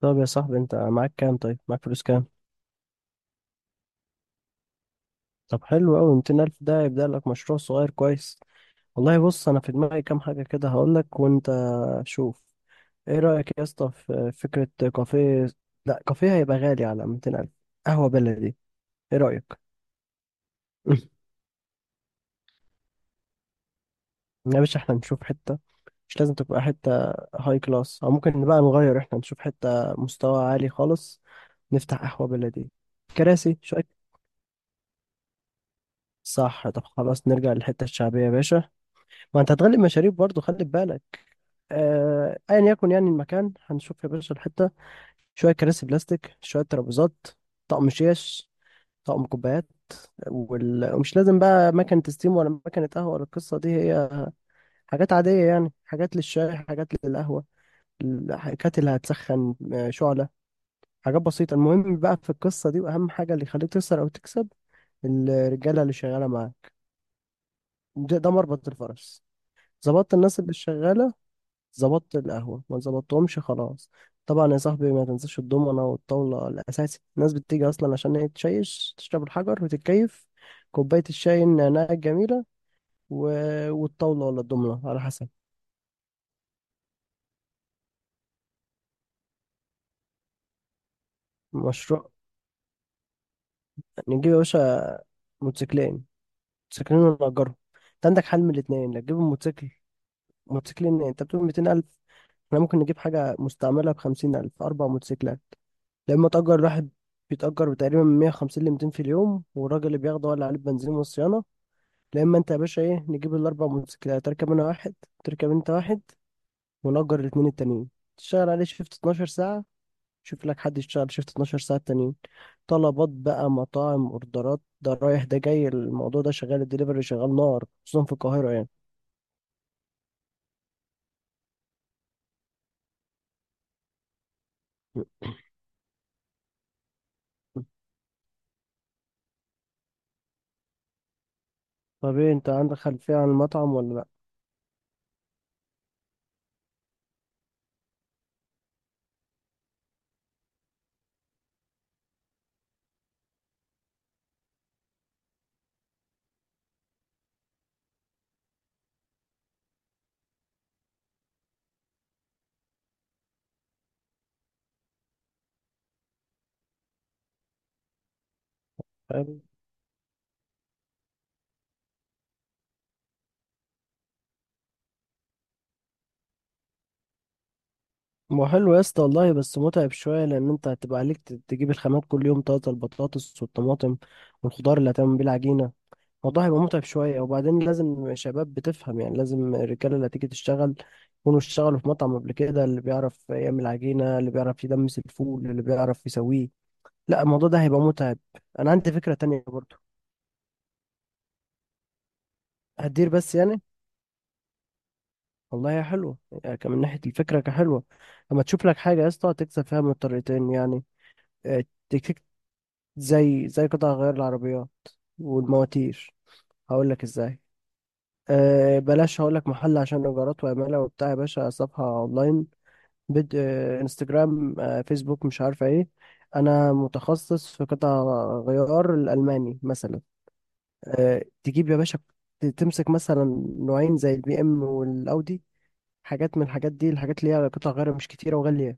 طب يا صاحبي، انت معاك كام؟ طيب معاك فلوس كام؟ طب حلو قوي، 200,000 الف ده يبدأ لك مشروع صغير كويس. والله بص، انا في دماغي كام حاجة كده هقول لك، وانت شوف. ايه رأيك يا اسطى في فكرة كافيه؟ لا، كافيه هيبقى غالي على 200,000 الف. قهوة بلدي، ايه رأيك؟ يا باشا احنا نشوف حتة، مش لازم تبقى حتة هاي كلاس، او ممكن بقى نغير، احنا نشوف حتة مستوى عالي خالص. نفتح قهوة بلدي، كراسي شوية. صح، طب خلاص نرجع للحتة الشعبية يا باشا. ما انت هتغلي مشاريب برضه، خلي بالك. ايا يكن، يعني المكان هنشوف يا باشا الحته، شويه كراسي بلاستيك، شويه ترابيزات، طقم شيش، طقم كوبايات. ومش لازم بقى مكنه ستيم ولا مكنه قهوه ولا القصه دي، هي حاجات عاديه، يعني حاجات للشاي حاجات للقهوه. كاتل هتسخن، شعله. حاجات بسيطه. المهم بقى في القصه دي، واهم حاجه اللي يخليك تخسر او تكسب، الرجاله اللي شغاله معاك. ده مربط الفرس. ظبطت الناس اللي شغاله، ظبطت القهوة. ما ظبطتهمش، خلاص. طبعا يا صاحبي ما تنساش الضمنة والطاولة الأساسي. الناس بتيجي أصلا عشان هي تشيش، تشرب الحجر وتتكيف، كوباية الشاي النعناع الجميلة. و... والطاولة ولا الضمنة على حسب. مشروع، نجيب يا باشا موتوسيكلين. موتوسيكلين ونأجرهم. أنت عندك حل من الاتنين، لا تجيب موتوسيكل. موتوسيكلين، أنت بتقول 200,000، احنا ممكن نجيب حاجة مستعملة بخمسين ألف، أربع موتوسيكلات. لما تأجر الواحد، بيتأجر تقريبا من 150 ل 200 في اليوم، والراجل اللي بياخده ولا عليه البنزين والصيانة. لا، إما أنت يا باشا إيه، نجيب الأربع موتوسيكلات، تركب أنا واحد، تركب أنت واحد، ونأجر الاتنين التانيين. تشتغل عليه شيفت 12 ساعة، شوف لك حد يشتغل شيفت 12 ساعة التانيين. طلبات بقى، مطاعم، أوردرات، ده رايح ده جاي، الموضوع ده شغال، الدليفري شغال نار خصوصا في القاهرة يعني. طب إيه، أنت عندك خلفية عن المطعم ولا لأ؟ ما هو حلو يا اسطى والله، بس متعب شوية، لأن أنت هتبقى عليك تجيب الخامات كل يوم طازة، البطاطس والطماطم والخضار اللي هتعمل بيه العجينة. الموضوع هيبقى متعب شوية، وبعدين لازم شباب بتفهم، يعني لازم الرجالة اللي هتيجي تشتغل يكونوا اشتغلوا في مطعم قبل كده، اللي بيعرف يعمل عجينة، اللي بيعرف يدمس الفول، اللي بيعرف يسويه. لا، الموضوع ده هيبقى متعب. أنا عندي فكرة تانية برضو. هتدير بس يعني. والله هي حلوة، يعني كان من ناحية الفكرة كحلوة. لما تشوف لك حاجة يا اسطى تكسب فيها من الطريقتين، يعني زي قطع غيار العربيات والمواتير. هقول لك ازاي. أه بلاش، هقول لك محل عشان ايجارات وعماله وبتاع. يا باشا صفحه اونلاين، بد أه انستجرام، فيسبوك، مش عارفه ايه. انا متخصص في قطع غيار الالماني مثلا. تجيب يا باشا، تمسك مثلا نوعين زي البي ام والاودي. حاجات من الحاجات دي، الحاجات اللي هي قطع غيار مش كتيره وغاليه.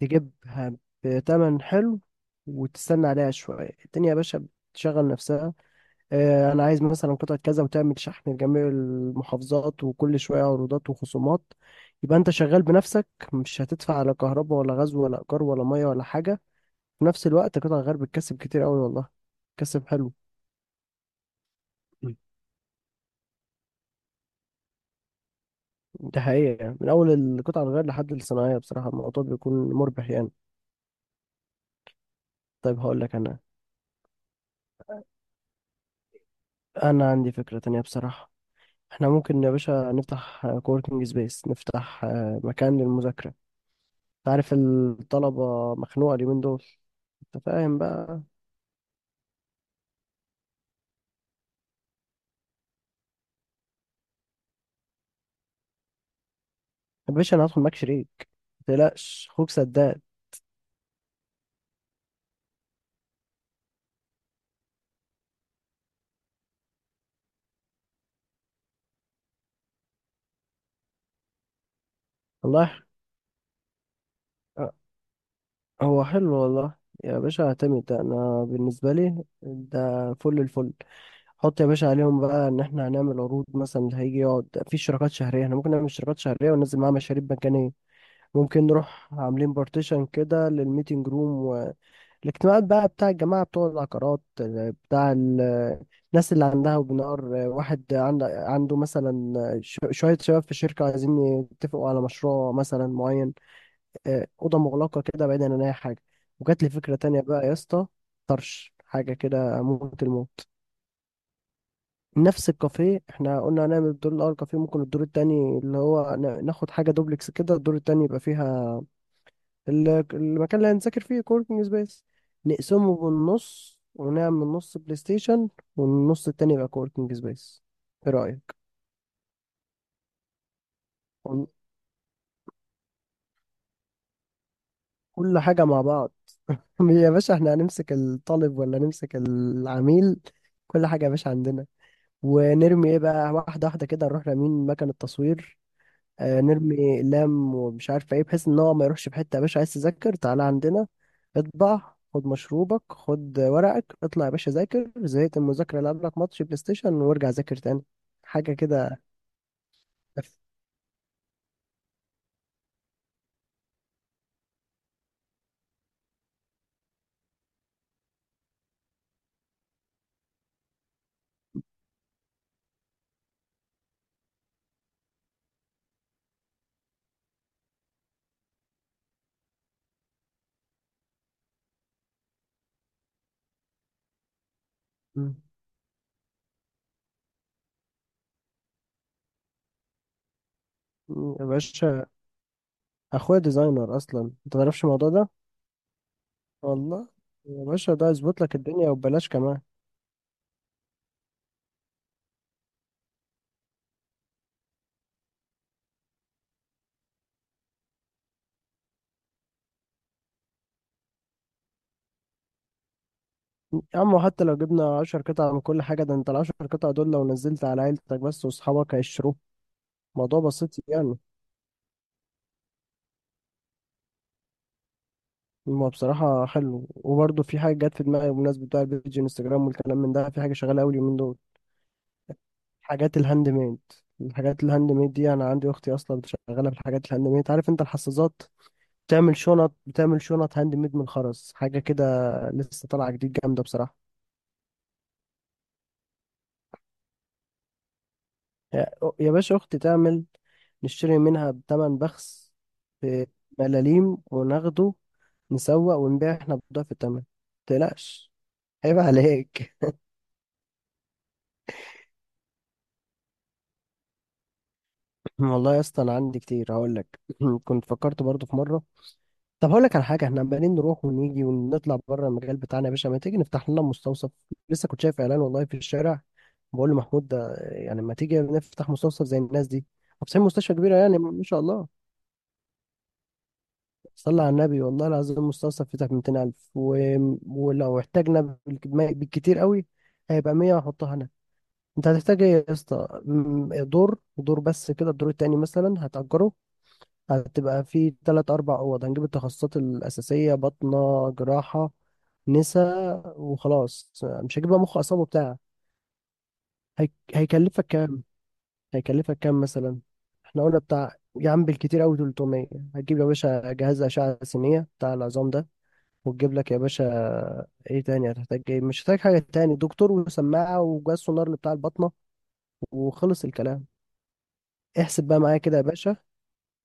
تجيبها بتمن حلو، وتستنى عليها شويه، الدنيا يا باشا بتشغل نفسها. انا عايز مثلا قطعة كذا، وتعمل شحن لجميع المحافظات، وكل شوية عروضات وخصومات. يبقى انت شغال بنفسك، مش هتدفع على كهرباء ولا غاز ولا ايجار ولا مية ولا حاجة. في نفس الوقت قطع الغيار بتكسب كتير قوي والله، بتكسب حلو. مم. ده حقيقة، يعني من اول القطع الغيار لحد الصناعية بصراحة الموضوع بيكون مربح يعني. طيب هقول لك انا، انا عندي فكرة تانية بصراحة. احنا ممكن يا باشا نفتح كوركينج سبيس، نفتح مكان للمذاكرة. عارف الطلبة مخنوقة اليومين دول. انت فاهم بقى. يا باشا انا هدخل معاك شريك، متقلقش اخوك سداد والله. أه، هو حلو والله. يا باشا اعتمد ده، انا بالنسبة لي ده فل الفل. حط يا باشا عليهم بقى ان احنا هنعمل عروض، مثلا اللي هيجي يقعد في اشتراكات شهرية، احنا ممكن نعمل اشتراكات شهرية وننزل معاها مشاريب مجانية. ممكن نروح عاملين بارتيشن كده للميتنج روم، الاجتماعات بقى بتاع الجماعة بتوع العقارات، بتاع الناس اللي عندها، وبنار واحد عنده مثلا شوية شباب في الشركة عايزين يتفقوا على مشروع مثلا معين. أوضة مغلقة كده، بعيدا عن أي حاجة. وجات لي فكرة تانية بقى يا اسطى، طرش حاجة كده موت الموت. نفس الكافيه، احنا قلنا هنعمل الدور الأول كافيه، ممكن الدور التاني اللي هو ناخد حاجة دوبلكس كده، الدور التاني يبقى فيها المكان اللي هنذاكر فيه، كوركينج سبيس. نقسمه بالنص، ونعمل نص بلاي ستيشن والنص التاني يبقى كوركينج سبيس. ايه رأيك؟ ون- كل حاجة مع بعض. يا باشا احنا هنمسك الطالب ولا نمسك العميل؟ كل حاجة يا باشا عندنا. ونرمي ايه بقى، واحدة واحدة كده، نروح رامين مكان التصوير. نرمي اقلام ومش عارف ايه، بحيث ان هو ما يروحش في حته. يا باشا عايز تذاكر، تعالى عندنا، اطبع، خد مشروبك، خد ورقك، اطلع يا باشا ذاكر. زهقت من المذاكره، العب لك ماتش بلاي ستيشن وارجع ذاكر تاني. حاجه كده. أف- م- يا باشا اخويا ديزاينر اصلا، انت ما تعرفش الموضوع ده. والله يا باشا ده يظبط لك الدنيا وببلاش كمان. يا عم وحتى لو جبنا 10 قطع من كل حاجة، ده انت العشر قطع دول لو نزلت على عيلتك بس واصحابك هيشتروه. موضوع بسيط يعني. هو بصراحة حلو، وبرضه في حاجة جت في دماغي بمناسبة بتاع البيج انستجرام والكلام من ده. في حاجة شغالة أوي اليومين دول، حاجات الهاند ميد. الحاجات الهاند ميد دي أنا عندي أختي أصلا شغالة في الحاجات الهاند ميد. عارف أنت الحظاظات، بتعمل شنط، بتعمل شنط هاند ميد من الخرز، حاجة كده لسه طالعة جديد، جامدة بصراحة. يا يا باشا أختي تعمل، نشتري منها بتمن بخس، بملاليم، وناخده نسوق ونبيع احنا بضعف التمن. متقلقش، عيب عليك. والله يا اسطى انا عندي كتير هقول لك. كنت فكرت برضو في مره، طب هقول لك على حاجه. احنا عمالين نروح ونيجي ونطلع بره المجال بتاعنا يا باشا، ما تيجي نفتح لنا مستوصف؟ لسه كنت شايف اعلان والله في الشارع، بقول لمحمود ده، يعني ما تيجي نفتح مستوصف زي الناس دي فاتحين مستشفى كبيره، يعني ما شاء الله. صلى على النبي، والله العظيم المستوصف فتح ب 200,000. ولو احتاجنا بالكتير قوي هيبقى 100، هحطها هنا. انت هتحتاج ايه يا اسطى؟ دور دور بس كده، الدور التاني مثلا هتأجره. هتبقى في تلات أربع أوض، هنجيب التخصصات الأساسية، بطنة، جراحة، نساء، وخلاص. مش هجيب بقى مخ أصلا وبتاع. هي... هيكلفك كام؟ هيكلفك كام مثلا؟ احنا قلنا بتاع يا عم بالكتير أوي 300. هتجيب يا باشا جهاز أشعة سينية بتاع العظام ده، وتجيب لك يا باشا ايه تاني؟ هتحتاج ايه؟ مش هتحتاج حاجة تاني. دكتور، وسماعة، وجهاز سونار اللي بتاع البطنة، وخلص الكلام. احسب بقى معايا كده يا باشا.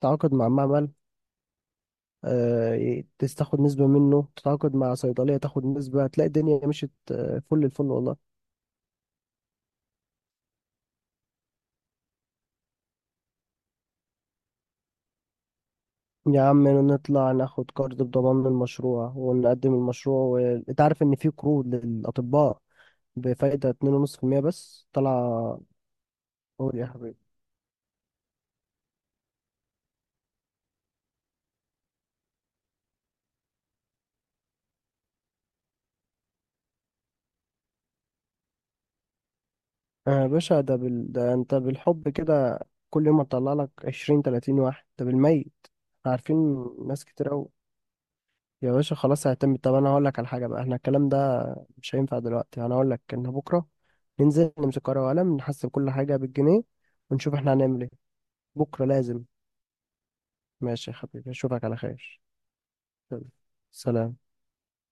تعاقد مع معمل، تاخد نسبة منه، تتعاقد مع صيدلية تاخد نسبة، هتلاقي الدنيا مشيت فل الفل والله. يا عم نطلع ناخد كارد بضمان المشروع ونقدم المشروع، انت عارف ان في قروض للأطباء بفايدة 2.5% بس طالعة. قول يا حبيبي. يا باشا ده, ده انت بالحب كده، كل يوم هتطلع لك 20 30 واحد ده بالميت. عارفين ناس كتير أوي. يا باشا خلاص اعتمد. طب انا هقول لك على حاجه بقى، احنا الكلام ده مش هينفع دلوقتي، انا هقول لك ان بكره ننزل نمسك ورقه وقلم، نحسب كل حاجه بالجنيه، ونشوف احنا هنعمل ايه. بكره لازم. ماشي يا حبيبي، اشوفك على خير. يلا، سلام.